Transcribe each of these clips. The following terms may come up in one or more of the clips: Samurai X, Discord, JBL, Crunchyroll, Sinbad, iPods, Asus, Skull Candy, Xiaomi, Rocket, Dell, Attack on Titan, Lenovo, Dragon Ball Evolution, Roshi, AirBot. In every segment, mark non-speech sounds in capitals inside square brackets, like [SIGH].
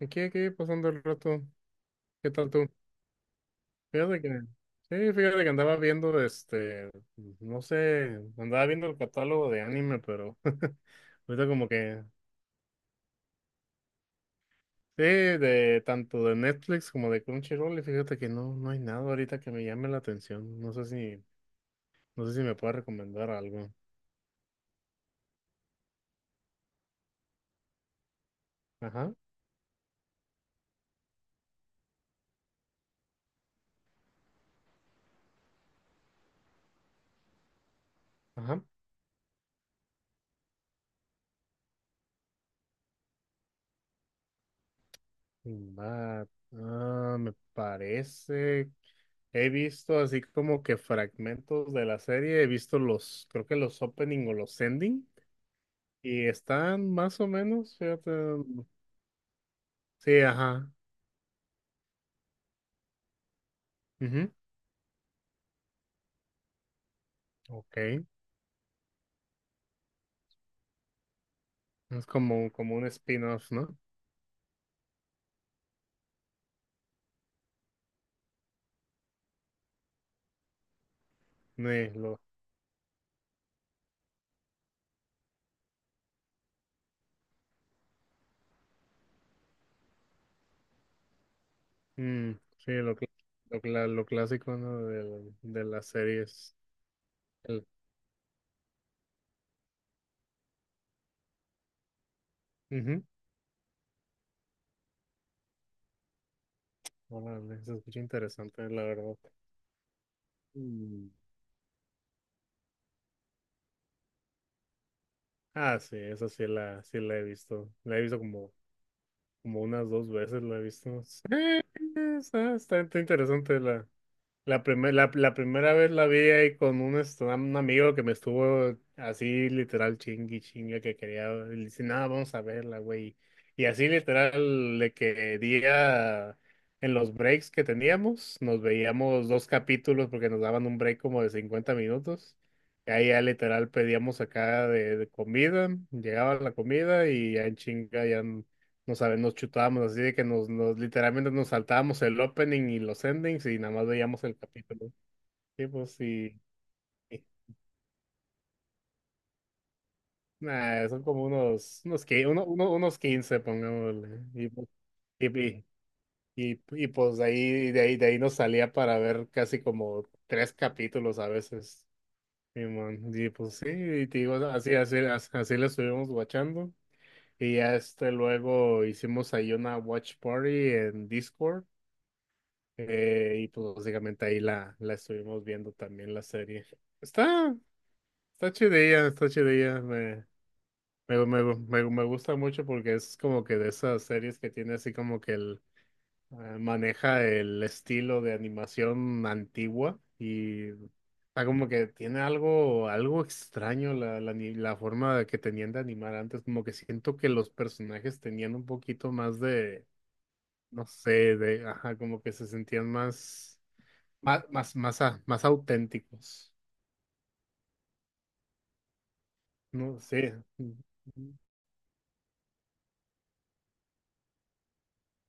Aquí, pasando el rato. ¿Qué tal tú? Fíjate que, sí, fíjate que andaba viendo, no sé, andaba viendo el catálogo de anime, pero [LAUGHS] ahorita como que, sí, de tanto de Netflix como de Crunchyroll, y fíjate que no hay nada ahorita que me llame la atención. No sé si me puedes recomendar algo. Ajá, ajá. Sinbad. Ah, me parece. He visto así como que fragmentos de la serie. He visto creo que los opening o los ending. Y están más o menos, fíjate. Sí, ajá. Ujú. Ok. Es como un spin-off, ¿no? Sí, lo, mm, sí, lo, cl- lo, cla- lo clásico, ¿no? De las series. El, ujú. Órale, se escucha interesante, la verdad. Mm. Ah, sí, sí la he visto. Como unas dos veces, la he visto. Sí, está interesante la primera vez la vi ahí con un, un amigo que me estuvo así literal chingui chingue que quería, y le dice, nada, vamos a verla, güey. Y así literal le quería, en los breaks que teníamos, nos veíamos dos capítulos porque nos daban un break como de 50 minutos. Y ahí ya literal pedíamos acá de comida, llegaba la comida y ya en chinga ya, no sabe, nos chutábamos así de que nos literalmente nos saltábamos el opening y los endings y nada más veíamos el capítulo. Sí, pues sí. Sí. Nah, son como unos 15 pongámosle. Y, y, y, pues de ahí nos salía para ver casi como tres capítulos a veces. Simón. Y, pues sí, y te digo, así le estuvimos watchando. Y ya este luego hicimos ahí una watch party en Discord. Y pues básicamente ahí la estuvimos viendo también la serie. Está, está chidilla, está chidilla. Me gusta mucho porque es como que de esas series que tiene así como que el, maneja el estilo de animación antigua y está como que tiene algo, algo extraño la, la, ni- la forma de que tenían de animar antes. Como que siento que los personajes tenían un poquito más de, no sé, de, ajá, como que se sentían más auténticos. No sé. Mm,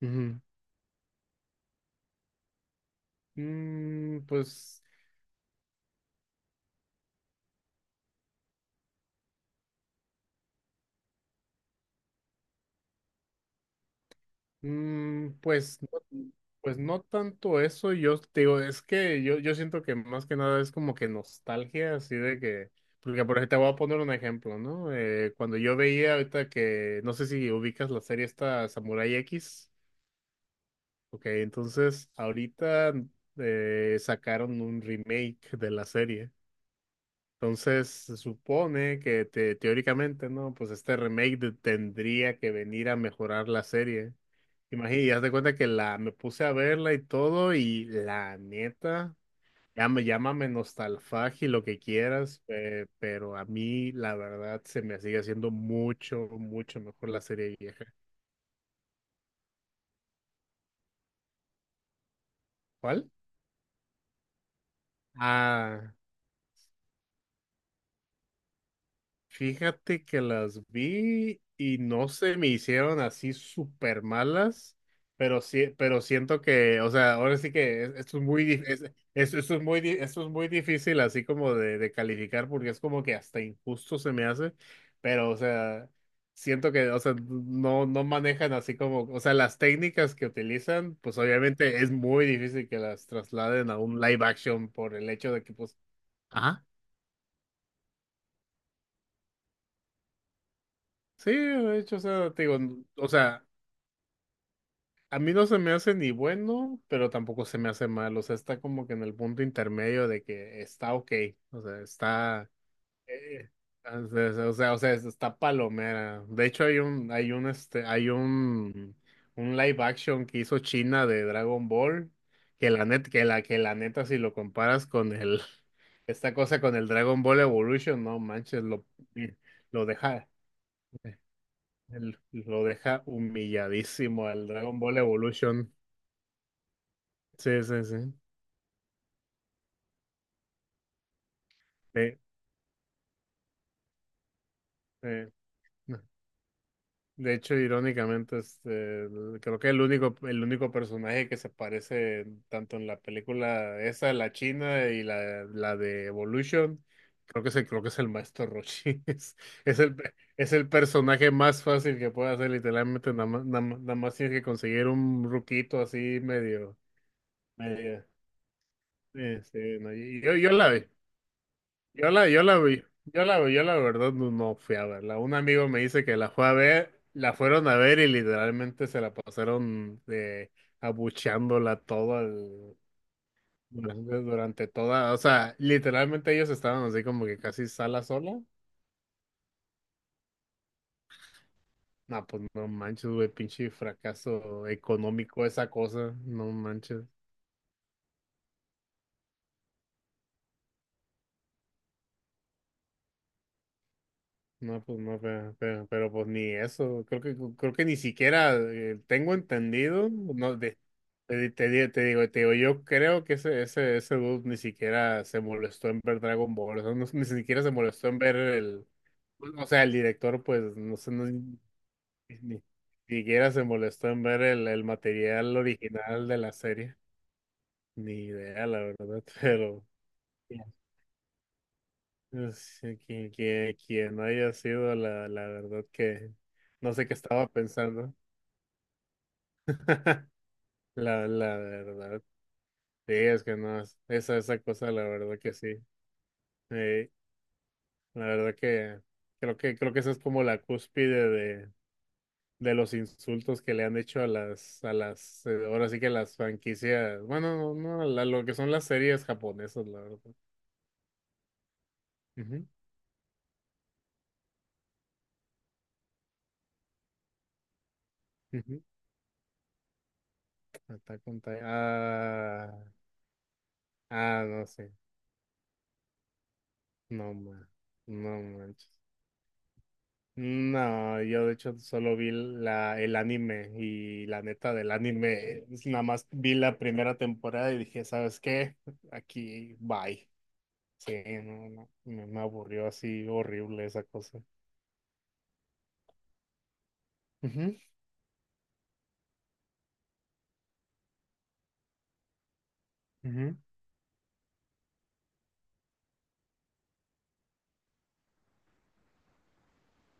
ujú. Mm, pues, no, pues no tanto eso. Yo te digo, es que yo siento que más que nada es como que nostalgia, así de que, porque por ejemplo, te voy a poner un ejemplo, ¿no? Cuando yo veía ahorita que, no sé si ubicas la serie esta Samurai X. Ok, entonces ahorita sacaron un remake de la serie. Entonces, se supone que teóricamente, ¿no? Pues este remake tendría que venir a mejorar la serie. Imagínate, y haz de cuenta que la me puse a verla y todo, y la neta, ya me llámame nostalfagia y lo que quieras, pero a mí, la verdad, se me sigue haciendo mucho, mucho mejor la serie vieja. ¿Cuál? Ah. Fíjate que las vi y no se me hicieron así súper malas, pero sí, pero siento que, o sea, ahora sí que es- esto es muy, dif- es- esto es muy, di- esto es muy difícil así como de calificar porque es como que hasta injusto se me hace, pero o sea, siento que, o sea, no manejan así como, o sea, las técnicas que utilizan, pues obviamente es muy difícil que las trasladen a un live action por el hecho de que, pues, ajá. Sí, de hecho, o sea, te digo, o sea, a mí no se me hace ni bueno, pero tampoco se me hace mal. O sea, está como que en el punto intermedio de que está ok. O sea, está. Eh, Está palomera. De hecho, hay un live action que hizo China de Dragon Ball. Que la neta, si lo comparas con el, [LAUGHS] esta cosa con el Dragon Ball Evolution, no manches, lo deja, lo deja humilladísimo al Dragon Ball Evolution. Sí, sí, sí. Sí, sí. De hecho, irónicamente, creo que el único personaje que se parece tanto en la película esa, la china y la de Evolution, creo que creo que es el maestro Roshi. [LAUGHS] Es el, es el personaje más fácil que puede hacer, literalmente, nada más tienes que conseguir un ruquito así medio, medio. Sí, sí, no, y yo la vi. Yo la vi, yo la verdad no fui a verla. Un amigo me dice que la fue a ver, la fueron a ver y literalmente se la pasaron de abucheándola durante, durante toda, o sea, literalmente ellos estaban así como que casi sala sola. No, pues no manches, güey, pinche fracaso económico esa cosa, no manches. No, pues no, pero, pues ni eso. Creo que ni siquiera tengo entendido. No, de, te digo, yo creo que ese dude ni siquiera se molestó en ver Dragon Ball. O sea, ni siquiera se molestó en ver el, o sea, el director, pues, no sé, ni, ni siquiera se molestó en ver el material original de la serie. Ni idea, la verdad, [LAUGHS] pero. Pues, quien no haya sido, la verdad que no sé qué estaba pensando. [LAUGHS] La verdad. Sí, es que no, es- esa cosa, la verdad que sí. Eh, la verdad que creo que esa es como la cúspide de los insultos que le han hecho a a las, ahora sí que a las franquicias, bueno, no, la- lo que son las series japonesas, la verdad. Ujú, ujú. Attack on Titan. Ah, ah, no sé. No, man. No manches. No, yo de hecho solo vi el anime y la neta del anime, es nada más vi la primera temporada y dije, ¿sabes qué? Aquí, bye. Sí, no, me aburrió así horrible esa cosa. Ujú, ujú.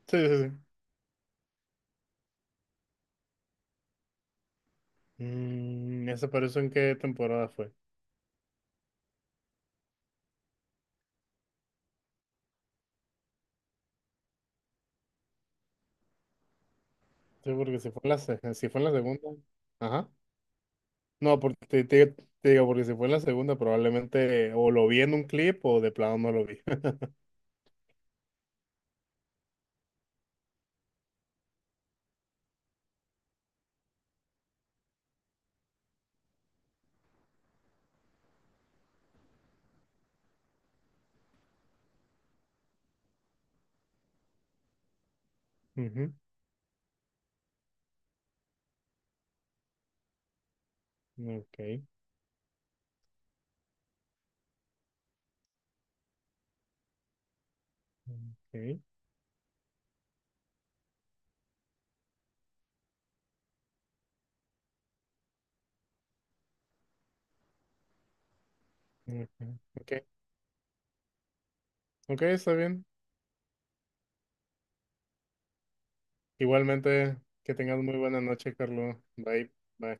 Sí, sí, sí. Mm, ¿esa pero en qué temporada fue? Sí, porque si fue en la segunda. Ajá. No, porque te digo, porque si fue en la segunda probablemente o lo vi en un clip o de plano no lo vi. [LAUGHS] Ok, ok, ok, ok, ok, está bien. Igualmente, que tengas muy buena noche, Carlos. Bye, bye.